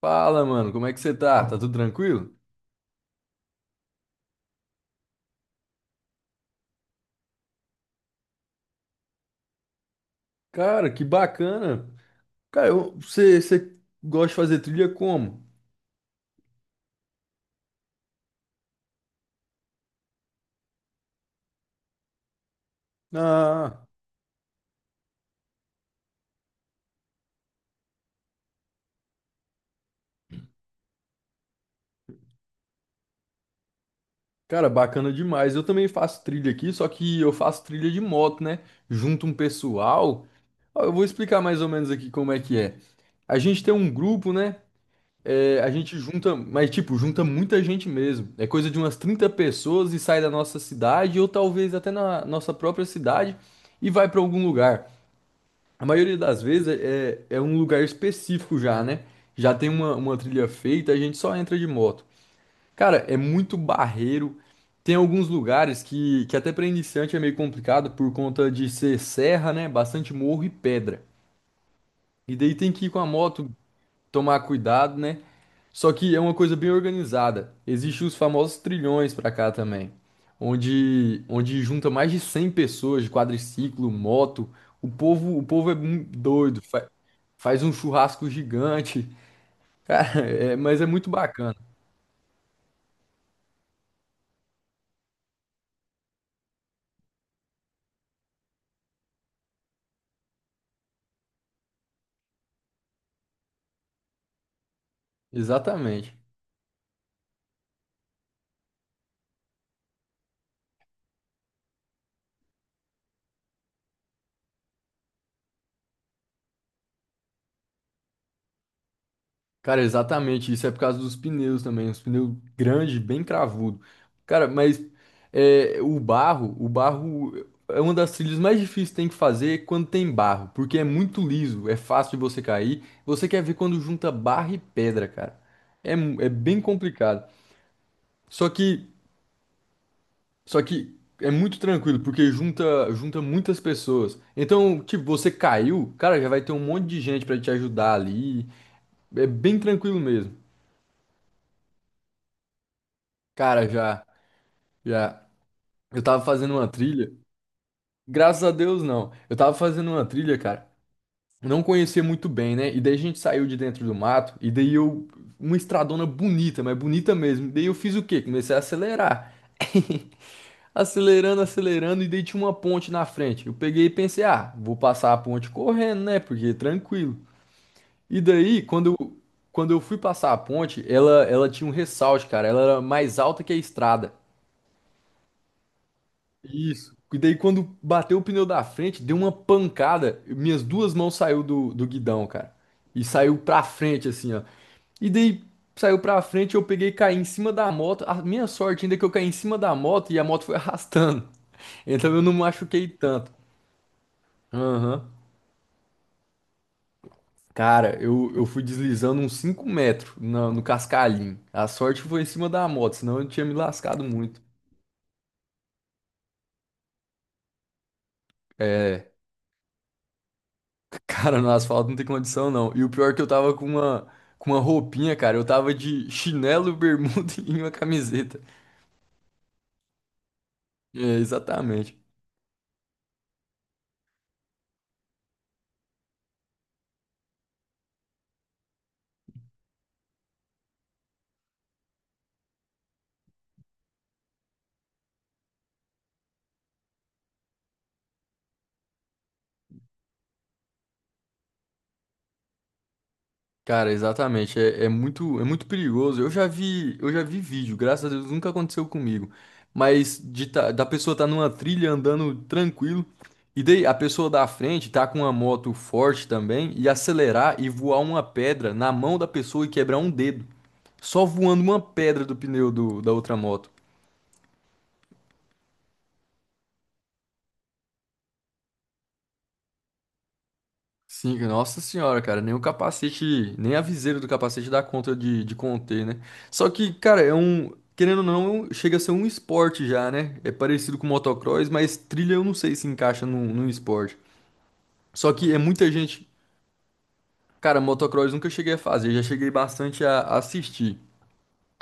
Fala, mano, como é que você tá? Tá tudo tranquilo? Cara, que bacana. Cara, você gosta de fazer trilha como? Ah, cara, bacana demais. Eu também faço trilha aqui, só que eu faço trilha de moto, né? Junto um pessoal. Ó, eu vou explicar mais ou menos aqui como é que é. A gente tem um grupo, né? É, a gente junta, mas tipo, junta muita gente mesmo. É coisa de umas 30 pessoas e sai da nossa cidade, ou talvez até na nossa própria cidade, e vai pra algum lugar. A maioria das vezes é um lugar específico já, né? Já tem uma trilha feita, a gente só entra de moto. Cara, é muito barreiro. Tem alguns lugares que até para iniciante é meio complicado por conta de ser serra, né? Bastante morro e pedra. E daí tem que ir com a moto tomar cuidado, né? Só que é uma coisa bem organizada. Existem os famosos trilhões pra cá também, onde junta mais de 100 pessoas de quadriciclo, moto. O povo é doido, faz um churrasco gigante. Cara, mas é muito bacana. Exatamente. Cara, exatamente. Isso é por causa dos pneus também. Os pneus grandes, bem cravudo. Cara, mas é, o barro é uma das trilhas mais difíceis que tem que fazer quando tem barro, porque é muito liso, é fácil de você cair. Você quer ver quando junta barro e pedra, cara. É, é bem complicado. Só que, só que é muito tranquilo, porque junta muitas pessoas. Então, tipo, você caiu, cara, já vai ter um monte de gente pra te ajudar ali. É bem tranquilo mesmo. Cara, já. Eu tava fazendo uma trilha. Graças a Deus, não. Eu tava fazendo uma trilha, cara. Não conhecia muito bem, né? E daí a gente saiu de dentro do mato. E daí eu. Uma estradona bonita, mas bonita mesmo. Daí eu fiz o quê? Comecei a acelerar. Acelerando, acelerando. E daí tinha uma ponte na frente. Eu peguei e pensei, ah, vou passar a ponte correndo, né? Porque tranquilo. E daí, quando eu fui passar a ponte, ela tinha um ressalto, cara. Ela era mais alta que a estrada. Isso. E daí quando bateu o pneu da frente, deu uma pancada. Minhas duas mãos saiu do guidão, cara. E saiu pra frente, assim, ó. E daí saiu pra frente, eu peguei e caí em cima da moto. A minha sorte ainda é que eu caí em cima da moto e a moto foi arrastando. Então eu não machuquei tanto. Aham. Cara, eu fui deslizando uns 5 metros no, no cascalhinho. A sorte foi em cima da moto, senão eu tinha me lascado muito. É. Cara, no asfalto não tem condição, não. E o pior é que eu tava com uma roupinha, cara. Eu tava de chinelo, bermuda e uma camiseta. É, exatamente. Cara, exatamente. É, é muito perigoso. Eu já vi vídeo, graças a Deus nunca aconteceu comigo. Mas de da pessoa tá numa trilha andando tranquilo. E daí a pessoa da frente tá com uma moto forte também e acelerar e voar uma pedra na mão da pessoa e quebrar um dedo. Só voando uma pedra do pneu do, da outra moto. Sim, nossa senhora, cara, nem o capacete, nem a viseira do capacete dá conta de conter, né? Só que, cara, é um, querendo ou não, chega a ser um esporte já, né? É parecido com motocross, mas trilha eu não sei se encaixa num, num esporte. Só que é muita gente, cara, motocross nunca cheguei a fazer, já cheguei bastante a assistir.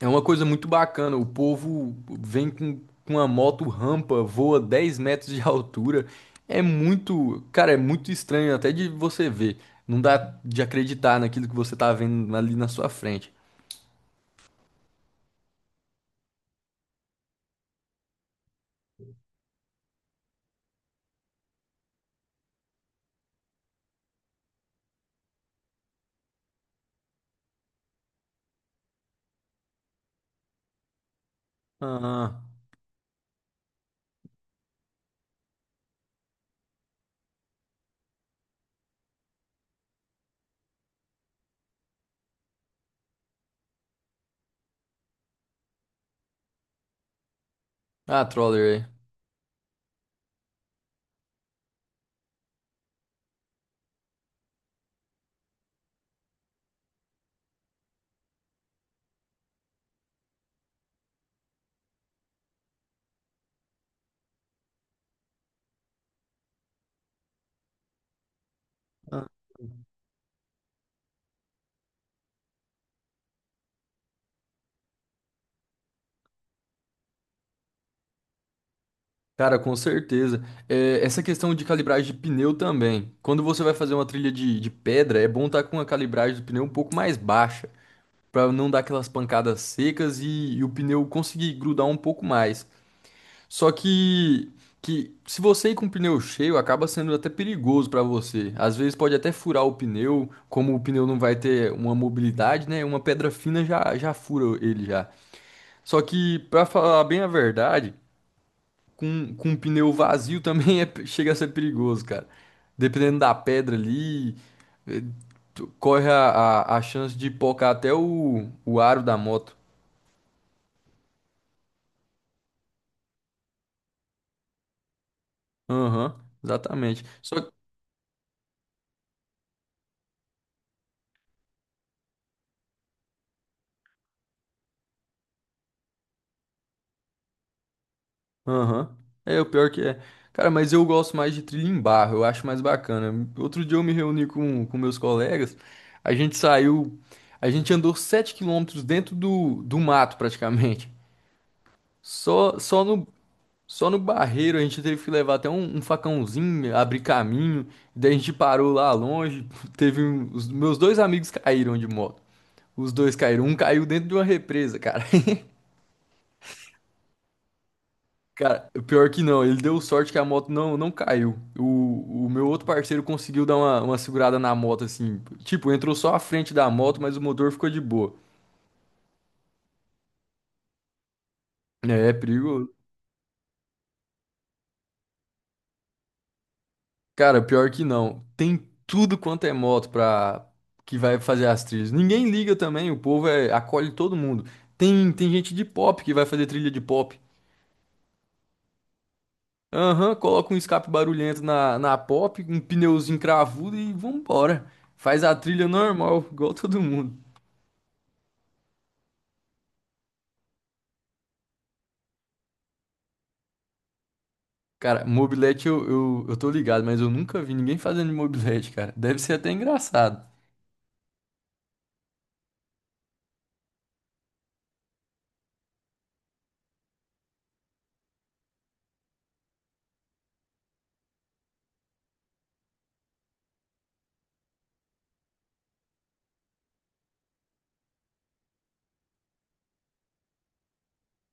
É uma coisa muito bacana. O povo vem com a moto rampa, voa 10 metros de altura. É muito, cara, é muito estranho até de você ver. Não dá de acreditar naquilo que você tá vendo ali na sua frente. Ah, ah, troller aí. Ah, cara, com certeza. É, essa questão de calibragem de pneu também. Quando você vai fazer uma trilha de pedra, é bom estar com a calibragem do pneu um pouco mais baixa, para não dar aquelas pancadas secas e o pneu conseguir grudar um pouco mais. Só que se você ir com o pneu cheio, acaba sendo até perigoso para você. Às vezes pode até furar o pneu, como o pneu não vai ter uma mobilidade, né? Uma pedra fina já fura ele já. Só que, para falar bem a verdade, com um pneu vazio também é, chega a ser perigoso, cara. Dependendo da pedra ali, eh, corre a chance de pocar até o aro da moto. Aham, exatamente. Só Aham. É, o pior que é. Cara, mas eu gosto mais de trilha em barro, eu acho mais bacana. Outro dia eu me reuni com meus colegas, a gente saiu, a gente andou 7 quilômetros dentro do, do mato praticamente. Só, só no barreiro a gente teve que levar até um, um facãozinho, abrir caminho. Daí a gente parou lá longe, teve os meus dois amigos caíram de moto. Os dois caíram, um caiu dentro de uma represa, cara. Cara, pior que não, ele deu sorte que a moto não caiu. O meu outro parceiro conseguiu dar uma segurada na moto, assim. Tipo, entrou só a frente da moto, mas o motor ficou de boa. É, é perigoso. Cara, pior que não. Tem tudo quanto é moto pra que vai fazer as trilhas. Ninguém liga também, o povo é, acolhe todo mundo. Tem gente de pop que vai fazer trilha de pop. Aham, coloca um escape barulhento na, na pop, um pneuzinho cravudo e vambora. Faz a trilha normal, igual todo mundo. Cara, mobilete eu tô ligado, mas eu nunca vi ninguém fazendo mobilete, cara. Deve ser até engraçado.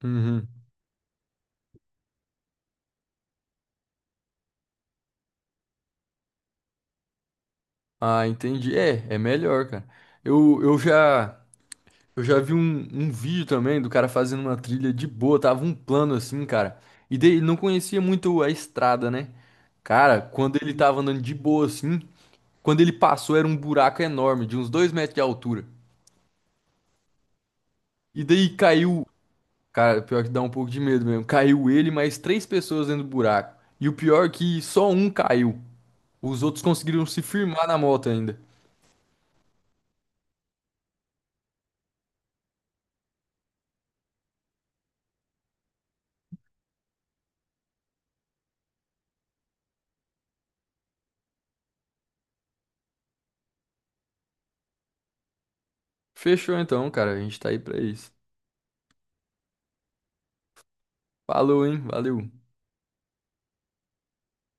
Uhum. Ah, entendi. É, é melhor, cara. Eu, eu já eu já vi um, um vídeo também do cara fazendo uma trilha de boa, tava um plano assim, cara. E daí ele não conhecia muito a estrada, né? Cara, quando ele tava andando de boa assim, quando ele passou era um buraco enorme, de uns 2 metros de altura. E daí caiu. Cara, pior é que dá um pouco de medo mesmo. Caiu ele, mais três pessoas dentro do buraco. E o pior é que só um caiu. Os outros conseguiram se firmar na moto ainda. Fechou então, cara. A gente tá aí pra isso. Falou, hein? Valeu.